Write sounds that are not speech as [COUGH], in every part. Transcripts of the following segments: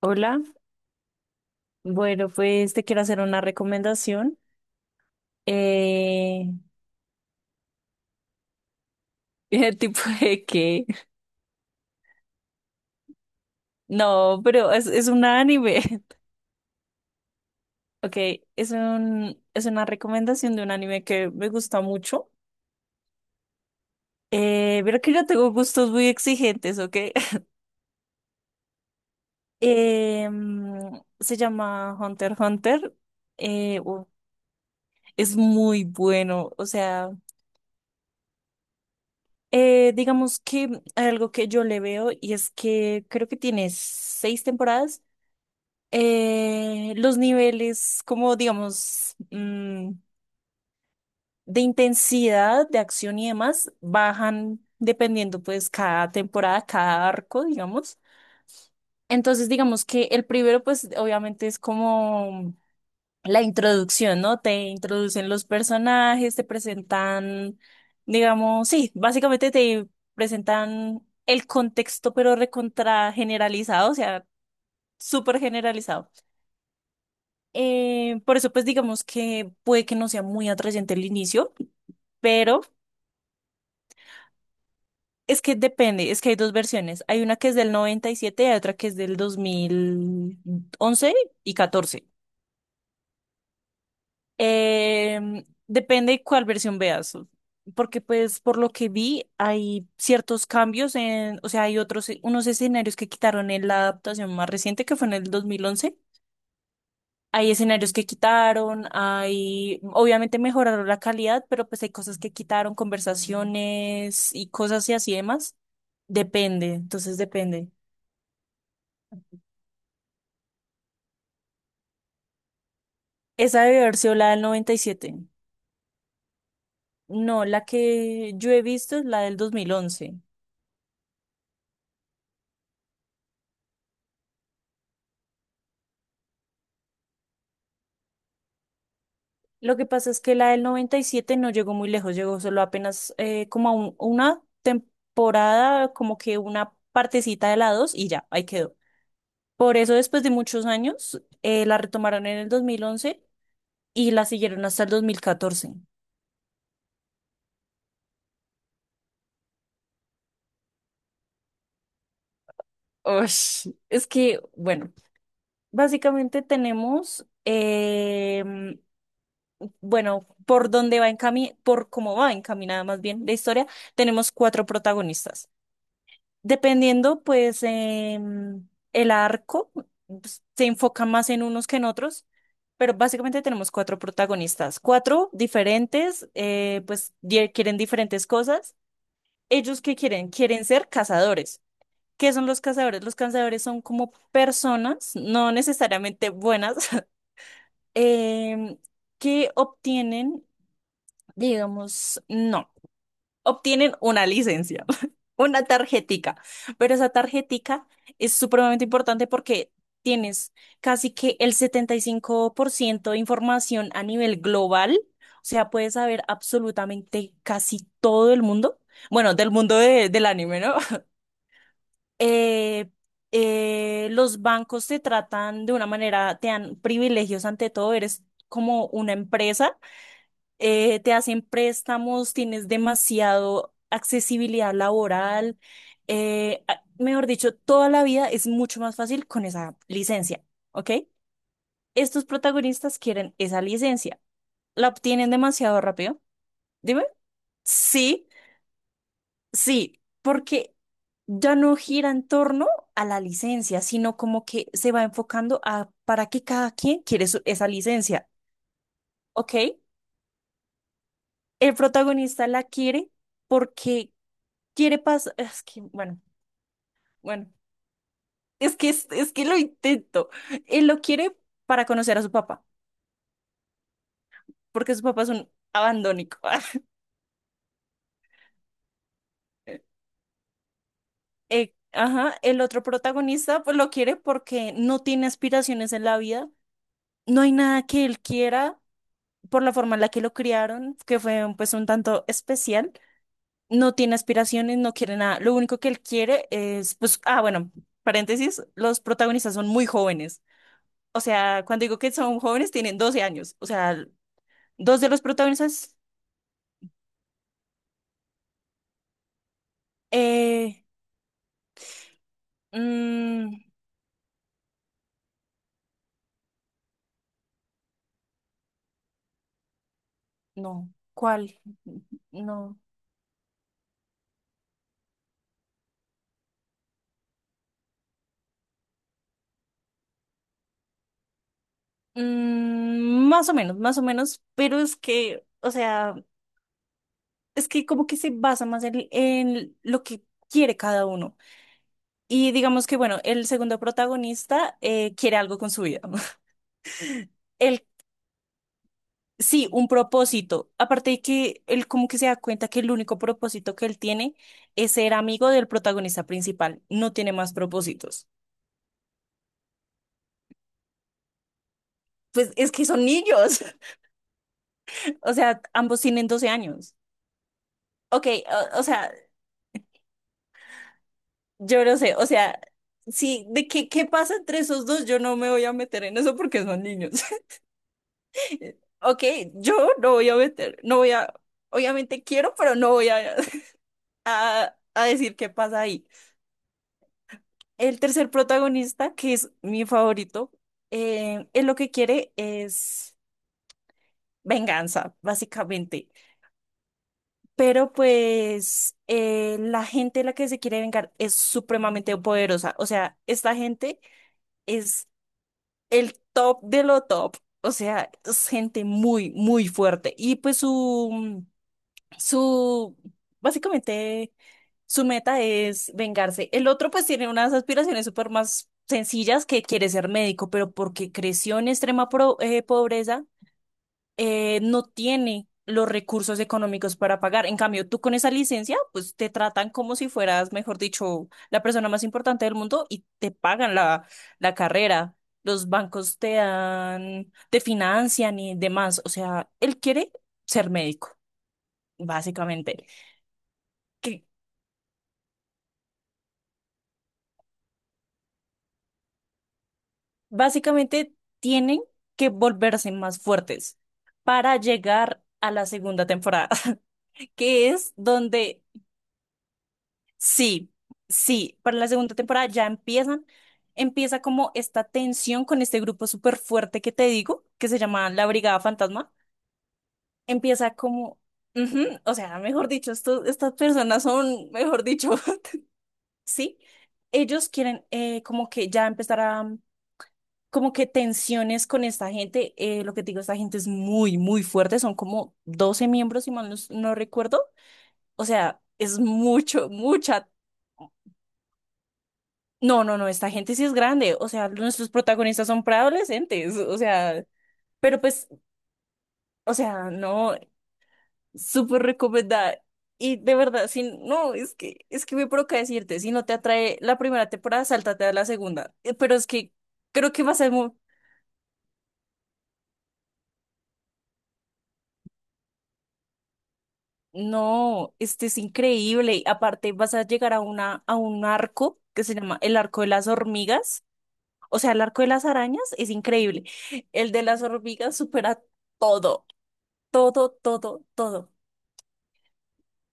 Hola, bueno, pues te quiero hacer una recomendación. Eh, [LAUGHS] ¿El tipo de qué? No, pero es un anime. [LAUGHS] Ok, es una recomendación de un anime que me gusta mucho. Pero que yo tengo gustos muy exigentes, ¿ok? [LAUGHS] Se llama Hunter x Hunter. Eh, u- es muy bueno. O sea, digamos que hay algo que yo le veo y es que creo que tiene seis temporadas. Los niveles, como digamos, mm, de intensidad, de acción y demás, bajan dependiendo pues cada temporada, cada arco, digamos. Entonces, digamos que el primero pues obviamente es como la introducción, ¿no? Te introducen los personajes, te presentan, digamos, sí, básicamente te presentan el contexto, pero recontra generalizado. O sea, súper generalizado. Por eso, pues digamos que puede que no sea muy atrayente el inicio, pero es que depende, es que hay dos versiones. Hay una que es del noventa y siete y hay otra que es del 2011 y 14. Eh, depende cuál versión veas, porque pues por lo que vi hay ciertos cambios en. O sea, unos escenarios que quitaron en la adaptación más reciente que fue en el 2011. Hay escenarios que quitaron, obviamente mejoraron la calidad, pero pues hay cosas que quitaron, conversaciones y cosas y así demás. Depende, entonces depende. ¿Esa debe haber sido la del 97? No, la que yo he visto es la del 2011. Lo que pasa es que la del 97 no llegó muy lejos, llegó solo apenas como a una temporada, como que una partecita de la 2 y ya, ahí quedó. Por eso después de muchos años la retomaron en el 2011 y la siguieron hasta el 2014. Ush, es que, bueno, básicamente tenemos, bueno, por cómo va encaminada más bien la historia. Tenemos cuatro protagonistas. Dependiendo, pues, el arco, pues, se enfoca más en unos que en otros, pero básicamente tenemos cuatro protagonistas, cuatro diferentes. Quieren diferentes cosas. ¿Ellos qué quieren? Quieren ser cazadores. ¿Qué son los cazadores? Los cazadores son como personas, no necesariamente buenas, [LAUGHS] em, que obtienen, digamos, no, obtienen una licencia, [LAUGHS] una tarjetica, pero esa tarjetica es supremamente importante porque tienes casi que el 75% de información a nivel global. O sea, puedes saber absolutamente casi todo el mundo, bueno, del mundo del anime, ¿no? eh, los bancos te tratan de una manera, te dan privilegios ante todo, eres como una empresa. Te hacen préstamos, tienes demasiado accesibilidad laboral. Mejor dicho, toda la vida es mucho más fácil con esa licencia, ¿ok? Estos protagonistas quieren esa licencia, la obtienen demasiado rápido, dime, sí. Sí, porque ya no gira en torno a la licencia, sino como que se va enfocando a para qué cada quien quiere esa licencia, ¿ok? El protagonista la quiere porque quiere pasar, es que, bueno, es que lo intento. Él lo quiere para conocer a su papá, porque su papá es un abandónico. [LAUGHS] Ajá, el otro protagonista pues lo quiere porque no tiene aspiraciones en la vida. No hay nada que él quiera por la forma en la que lo criaron, que fue un tanto especial. No tiene aspiraciones, no quiere nada. Lo único que él quiere es, pues, ah, bueno, paréntesis, los protagonistas son muy jóvenes. O sea, cuando digo que son jóvenes, tienen 12 años. O sea, dos de los protagonistas, eh, mm, no, ¿cuál? No. Mm, más o menos, pero es que, o sea, es que como que se basa más en lo que quiere cada uno. Y digamos que, bueno, el segundo protagonista quiere algo con su vida. [LAUGHS] Él, sí, un propósito. Aparte de que él como que se da cuenta que el único propósito que él tiene es ser amigo del protagonista principal. No tiene más propósitos. Pues es que son niños. [LAUGHS] O sea, ambos tienen 12 años. Ok, o sea, yo no sé. O sea, sí, ¿qué pasa entre esos dos? Yo no me voy a meter en eso porque son niños. [LAUGHS] Ok, yo no voy a meter, no voy a... Obviamente quiero, pero no voy a. A decir qué pasa ahí. El tercer protagonista, que es mi favorito, él lo que quiere es venganza, básicamente. Pero pues la gente a la que se quiere vengar es supremamente poderosa. O sea, esta gente es el top de lo top. O sea, es gente muy, muy fuerte. Y pues su, básicamente... Su meta es vengarse. El otro pues tiene unas aspiraciones súper más sencillas que quiere ser médico, pero porque creció en extrema pobreza. No tiene los recursos económicos para pagar. En cambio, tú con esa licencia, pues te tratan como si fueras, mejor dicho, la persona más importante del mundo y te pagan la carrera. Los bancos te dan, te financian y demás. O sea, él quiere ser médico, básicamente. Básicamente tienen que volverse más fuertes para llegar a la segunda temporada, [LAUGHS] que es donde sí, sí, para la segunda temporada ya empieza como esta tensión con este grupo súper fuerte que te digo, que se llama la Brigada Fantasma. Empieza como, ujú, o sea, mejor dicho, estas personas son, mejor dicho, [LAUGHS] sí, ellos quieren como que ya empezar a como que tensiones con esta gente. Lo que te digo, esta gente es muy, muy fuerte. Son como 12 miembros, si mal no recuerdo. O sea, es mucho, mucha. No, no, no, esta gente sí es grande. O sea, nuestros protagonistas son preadolescentes. O sea, pero pues, o sea, no, súper recomendada. Y de verdad, si no, es que me provoca decirte, si no te atrae la primera temporada, sáltate a la segunda. Pero es que creo que va a ser muy, no, este es increíble. Y aparte, vas a llegar a a un arco que se llama el arco de las hormigas. O sea, el arco de las arañas es increíble. El de las hormigas supera todo, todo, todo, todo.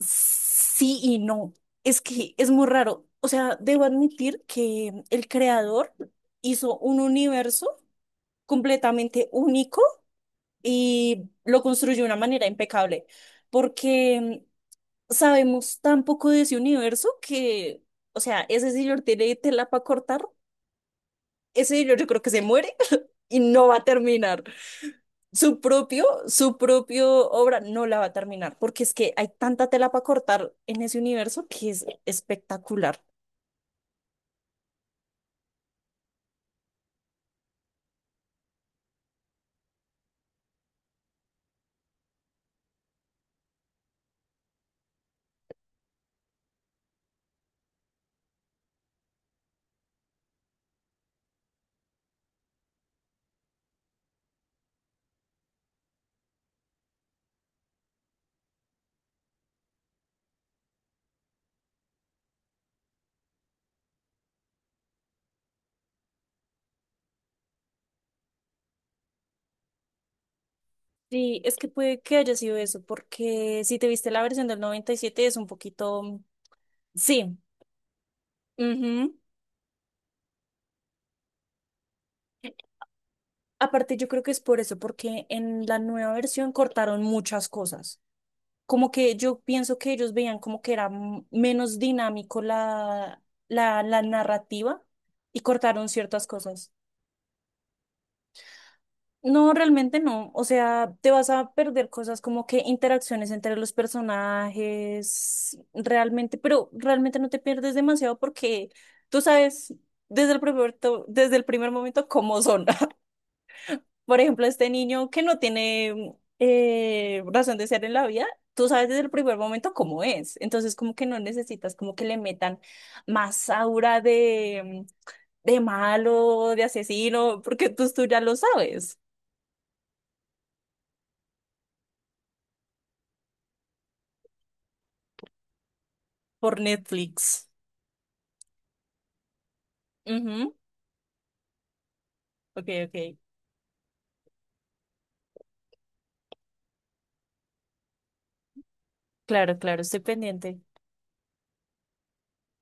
Sí y no. Es que es muy raro. O sea, debo admitir que el creador hizo un universo completamente único y lo construyó de una manera impecable. Porque sabemos tan poco de ese universo que, o sea, ese señor tiene tela para cortar. Ese señor yo creo que se muere [LAUGHS] y no va a terminar. Su propio obra no la va a terminar, porque es que hay tanta tela para cortar en ese universo que es espectacular. Sí, es que puede que haya sido eso, porque si te viste la versión del 97 es un poquito... Sí. Ujú. Aparte, yo creo que es por eso, porque en la nueva versión cortaron muchas cosas. Como que yo pienso que ellos veían como que era menos dinámico la narrativa y cortaron ciertas cosas. No, realmente no. O sea, te vas a perder cosas como que interacciones entre los personajes, realmente, pero realmente no te pierdes demasiado porque tú sabes desde el primer momento cómo son. [LAUGHS] Por ejemplo, este niño que no tiene razón de ser en la vida, tú sabes desde el primer momento cómo es. Entonces, como que no necesitas como que le metan más aura de, malo, de asesino, porque tú ya lo sabes por Netflix. Ujú. Ok, ok. Claro, claro, estoy pendiente.